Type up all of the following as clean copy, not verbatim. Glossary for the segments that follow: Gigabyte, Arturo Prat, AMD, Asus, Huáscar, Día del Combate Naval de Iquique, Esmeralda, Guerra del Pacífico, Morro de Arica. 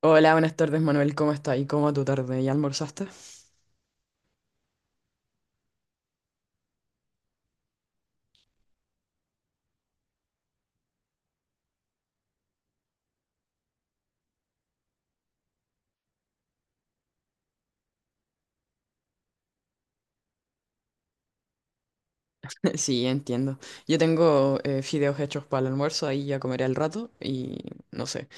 Hola, buenas tardes Manuel, ¿cómo estás? ¿Y cómo va tu tarde? ¿Ya almorzaste? Sí, entiendo. Yo tengo fideos hechos para el almuerzo, ahí ya comeré al rato y no sé.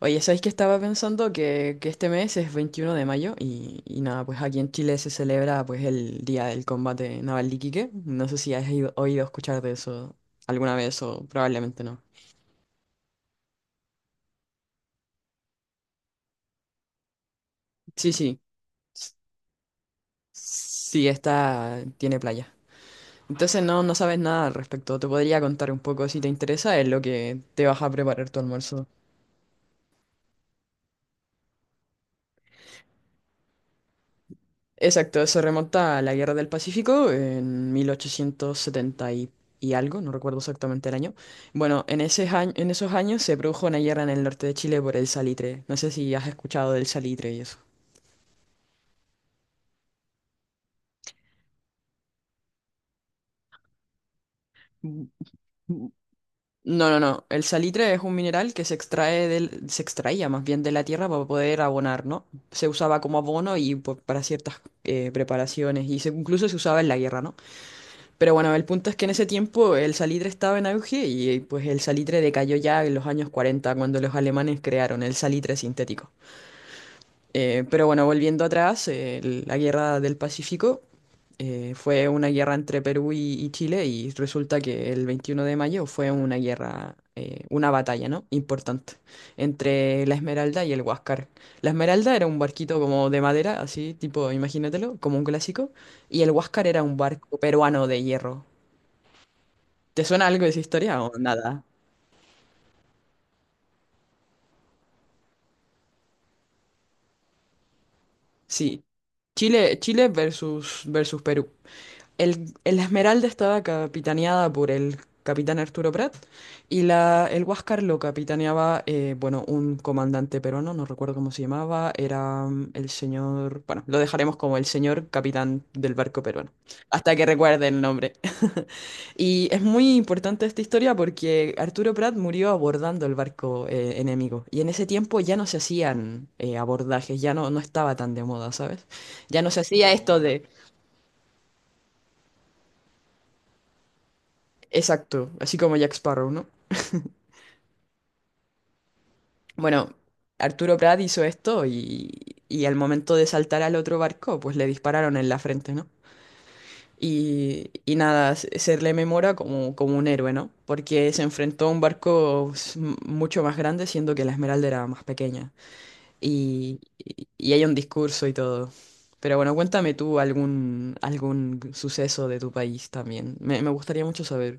Oye, ¿sabéis que estaba pensando que este mes es 21 de mayo y nada, pues aquí en Chile se celebra pues el Día del Combate Naval de Iquique? No sé si has oído escuchar de eso alguna vez, o probablemente no. Sí, sí. S- Sí, esta tiene playa. Entonces no, no sabes nada al respecto. Te podría contar un poco si te interesa, es lo que te vas a preparar tu almuerzo. Exacto, eso remonta a la Guerra del Pacífico en 1870 y algo, no recuerdo exactamente el año. Bueno, en ese año, en esos años se produjo una guerra en el norte de Chile por el salitre. No sé si has escuchado del salitre y eso. No, no, no. El salitre es un mineral que se extrae se extraía más bien de la tierra para poder abonar, ¿no? Se usaba como abono y pues, para ciertas preparaciones y se, incluso se usaba en la guerra, ¿no? Pero bueno, el punto es que en ese tiempo el salitre estaba en auge y pues el salitre decayó ya en los años 40, cuando los alemanes crearon el salitre sintético. Pero bueno, volviendo atrás, la Guerra del Pacífico fue una guerra entre Perú y Chile, y resulta que el 21 de mayo fue una guerra, una batalla, ¿no?, importante, entre la Esmeralda y el Huáscar. La Esmeralda era un barquito como de madera, así, tipo, imagínatelo, como un clásico, y el Huáscar era un barco peruano de hierro. ¿Te suena algo de esa historia o nada? Sí. Chile, Chile versus Perú. El Esmeralda estaba capitaneada por el capitán Arturo Prat, y el Huáscar lo capitaneaba, bueno, un comandante peruano, no recuerdo cómo se llamaba, era el señor, bueno, lo dejaremos como el señor capitán del barco peruano, hasta que recuerde el nombre. Y es muy importante esta historia porque Arturo Prat murió abordando el barco enemigo, y en ese tiempo ya no se hacían abordajes, ya no, no estaba tan de moda, ¿sabes? Ya no se hacía esto de… Exacto, así como Jack Sparrow, ¿no? Bueno, Arturo Prat hizo esto y al momento de saltar al otro barco, pues le dispararon en la frente, ¿no? Y nada, se le memora como, como un héroe, ¿no? Porque se enfrentó a un barco mucho más grande, siendo que la Esmeralda era más pequeña. Y hay un discurso y todo. Pero bueno, cuéntame tú algún, algún suceso de tu país también. Me gustaría mucho saber.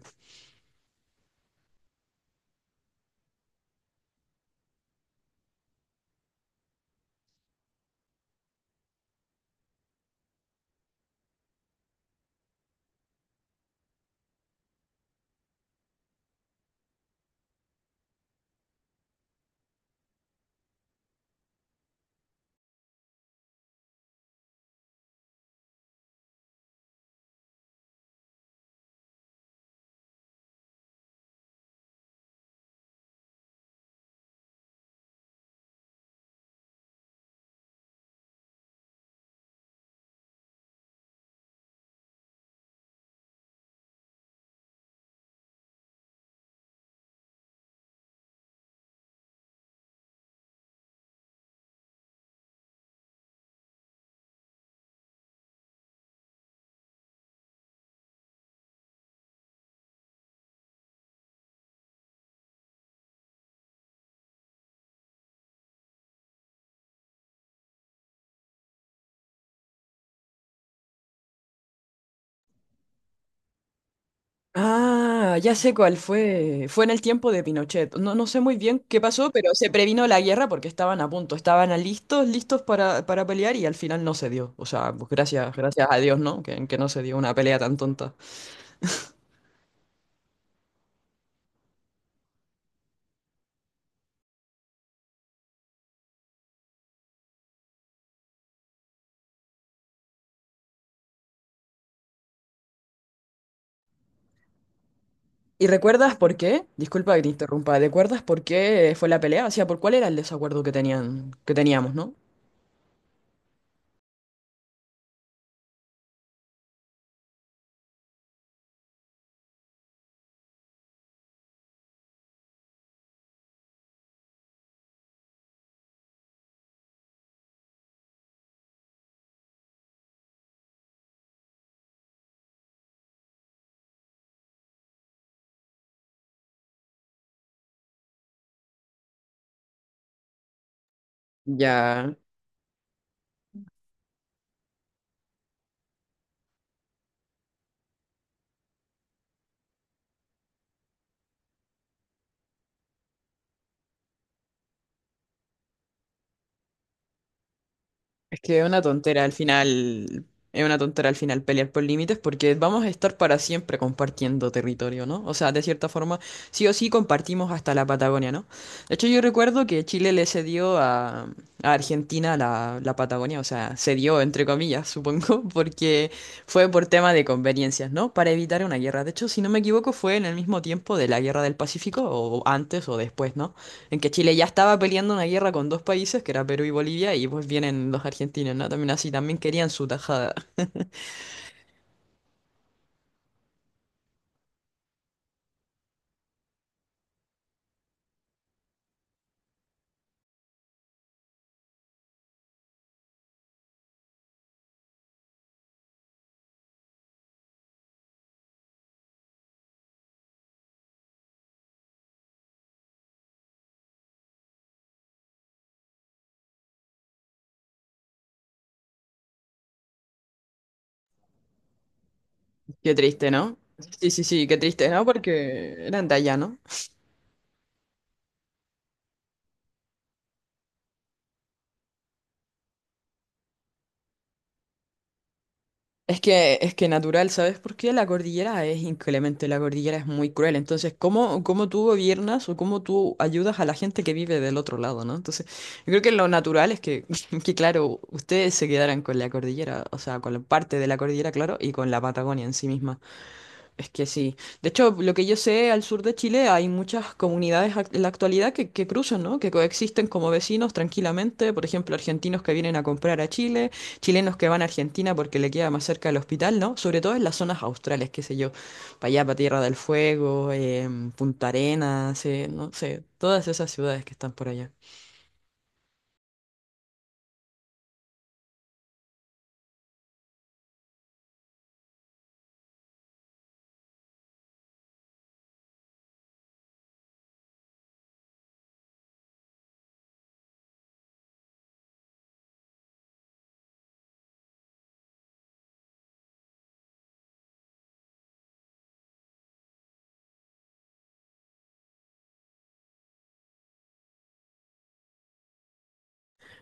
Ah, ya sé cuál fue. Fue en el tiempo de Pinochet. No, no sé muy bien qué pasó, pero se previno la guerra porque estaban a punto, estaban a listos, listos para pelear, y al final no se dio. O sea, pues gracias, gracias a Dios, ¿no?, que no se dio una pelea tan tonta. ¿Y recuerdas por qué? Disculpa que te interrumpa. ¿Recuerdas por qué fue la pelea? O sea, ¿por cuál era el desacuerdo que tenían, que teníamos, ¿no? Ya. Es que es una tontera al final, es una tontera al final pelear por límites, porque vamos a estar para siempre compartiendo territorio, ¿no? O sea, de cierta forma, sí o sí compartimos hasta la Patagonia, ¿no? De hecho, yo recuerdo que Chile le cedió a Argentina la, la Patagonia, o sea, cedió entre comillas, supongo, porque fue por tema de conveniencias, ¿no? Para evitar una guerra. De hecho, si no me equivoco, fue en el mismo tiempo de la Guerra del Pacífico, o antes o después, ¿no? En que Chile ya estaba peleando una guerra con dos países, que era Perú y Bolivia, y pues vienen los argentinos, ¿no? También así, también querían su tajada. Qué triste, ¿no? Sí, sí, sí, qué triste, ¿no? Porque eran de allá, ¿no? Es que natural, ¿sabes? Porque la cordillera es inclemente, la cordillera es muy cruel. Entonces, ¿cómo, cómo tú gobiernas o cómo tú ayudas a la gente que vive del otro lado, ¿no? Entonces, yo creo que lo natural es que, que claro, ustedes se quedaran con la cordillera, o sea, con la parte de la cordillera, claro, y con la Patagonia en sí misma. Es que sí. De hecho, lo que yo sé, al sur de Chile hay muchas comunidades en la actualidad que cruzan, ¿no?, que coexisten como vecinos tranquilamente. Por ejemplo, argentinos que vienen a comprar a Chile, chilenos que van a Argentina porque le queda más cerca el hospital, ¿no? Sobre todo en las zonas australes, qué sé yo, para allá, para Tierra del Fuego, Punta Arenas, no sé, todas esas ciudades que están por allá.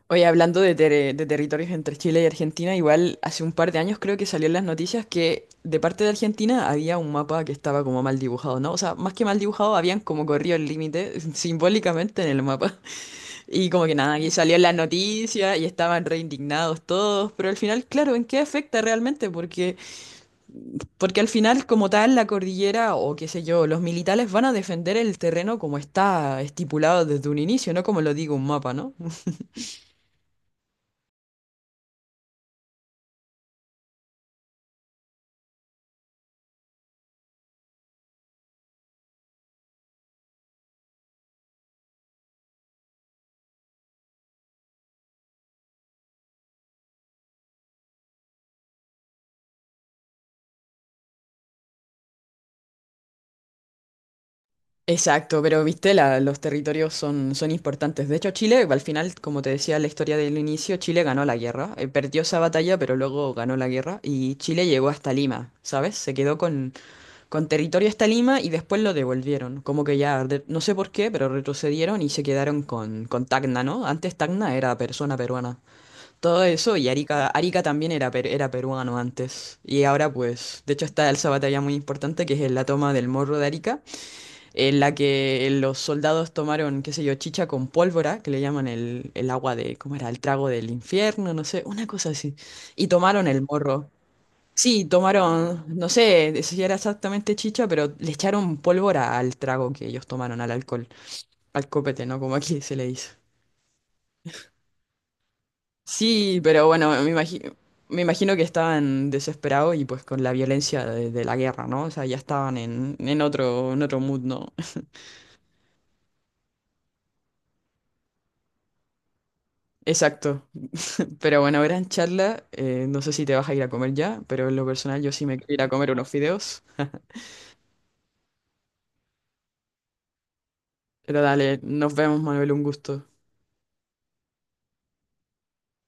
Oye, hablando de, de territorios entre Chile y Argentina, igual hace un par de años creo que salió en las noticias que de parte de Argentina había un mapa que estaba como mal dibujado, ¿no? O sea, más que mal dibujado, habían como corrido el límite simbólicamente en el mapa. Y como que nada, aquí salió en las noticias y estaban re indignados todos, pero al final, claro, ¿en qué afecta realmente? Porque al final, como tal, la cordillera o qué sé yo, los militares van a defender el terreno como está estipulado desde un inicio, no como lo digo un mapa, ¿no? Exacto, pero viste, los territorios son, son importantes. De hecho, Chile, al final, como te decía la historia del inicio, Chile ganó la guerra. Perdió esa batalla, pero luego ganó la guerra y Chile llegó hasta Lima, ¿sabes? Se quedó con territorio hasta Lima, y después lo devolvieron. Como que ya, no sé por qué, pero retrocedieron y se quedaron con Tacna, ¿no? Antes Tacna era persona peruana. Todo eso y Arica, Arica también era, era peruano antes. Y ahora pues, de hecho, está esa batalla muy importante que es la toma del Morro de Arica, en la que los soldados tomaron, qué sé yo, chicha con pólvora, que le llaman el agua de, ¿cómo era?, el trago del infierno, no sé, una cosa así. Y tomaron el morro. Sí, tomaron, no sé si era exactamente chicha, pero le echaron pólvora al trago que ellos tomaron, al alcohol, al copete, ¿no?, como aquí se le dice. Sí, pero bueno, me imagino que estaban desesperados y pues con la violencia de la guerra, ¿no? O sea, ya estaban en otro mood, ¿no? Exacto. Pero bueno, gran charla. No sé si te vas a ir a comer ya, pero en lo personal yo sí me quiero ir a comer unos fideos. Pero dale, nos vemos, Manuel, un gusto.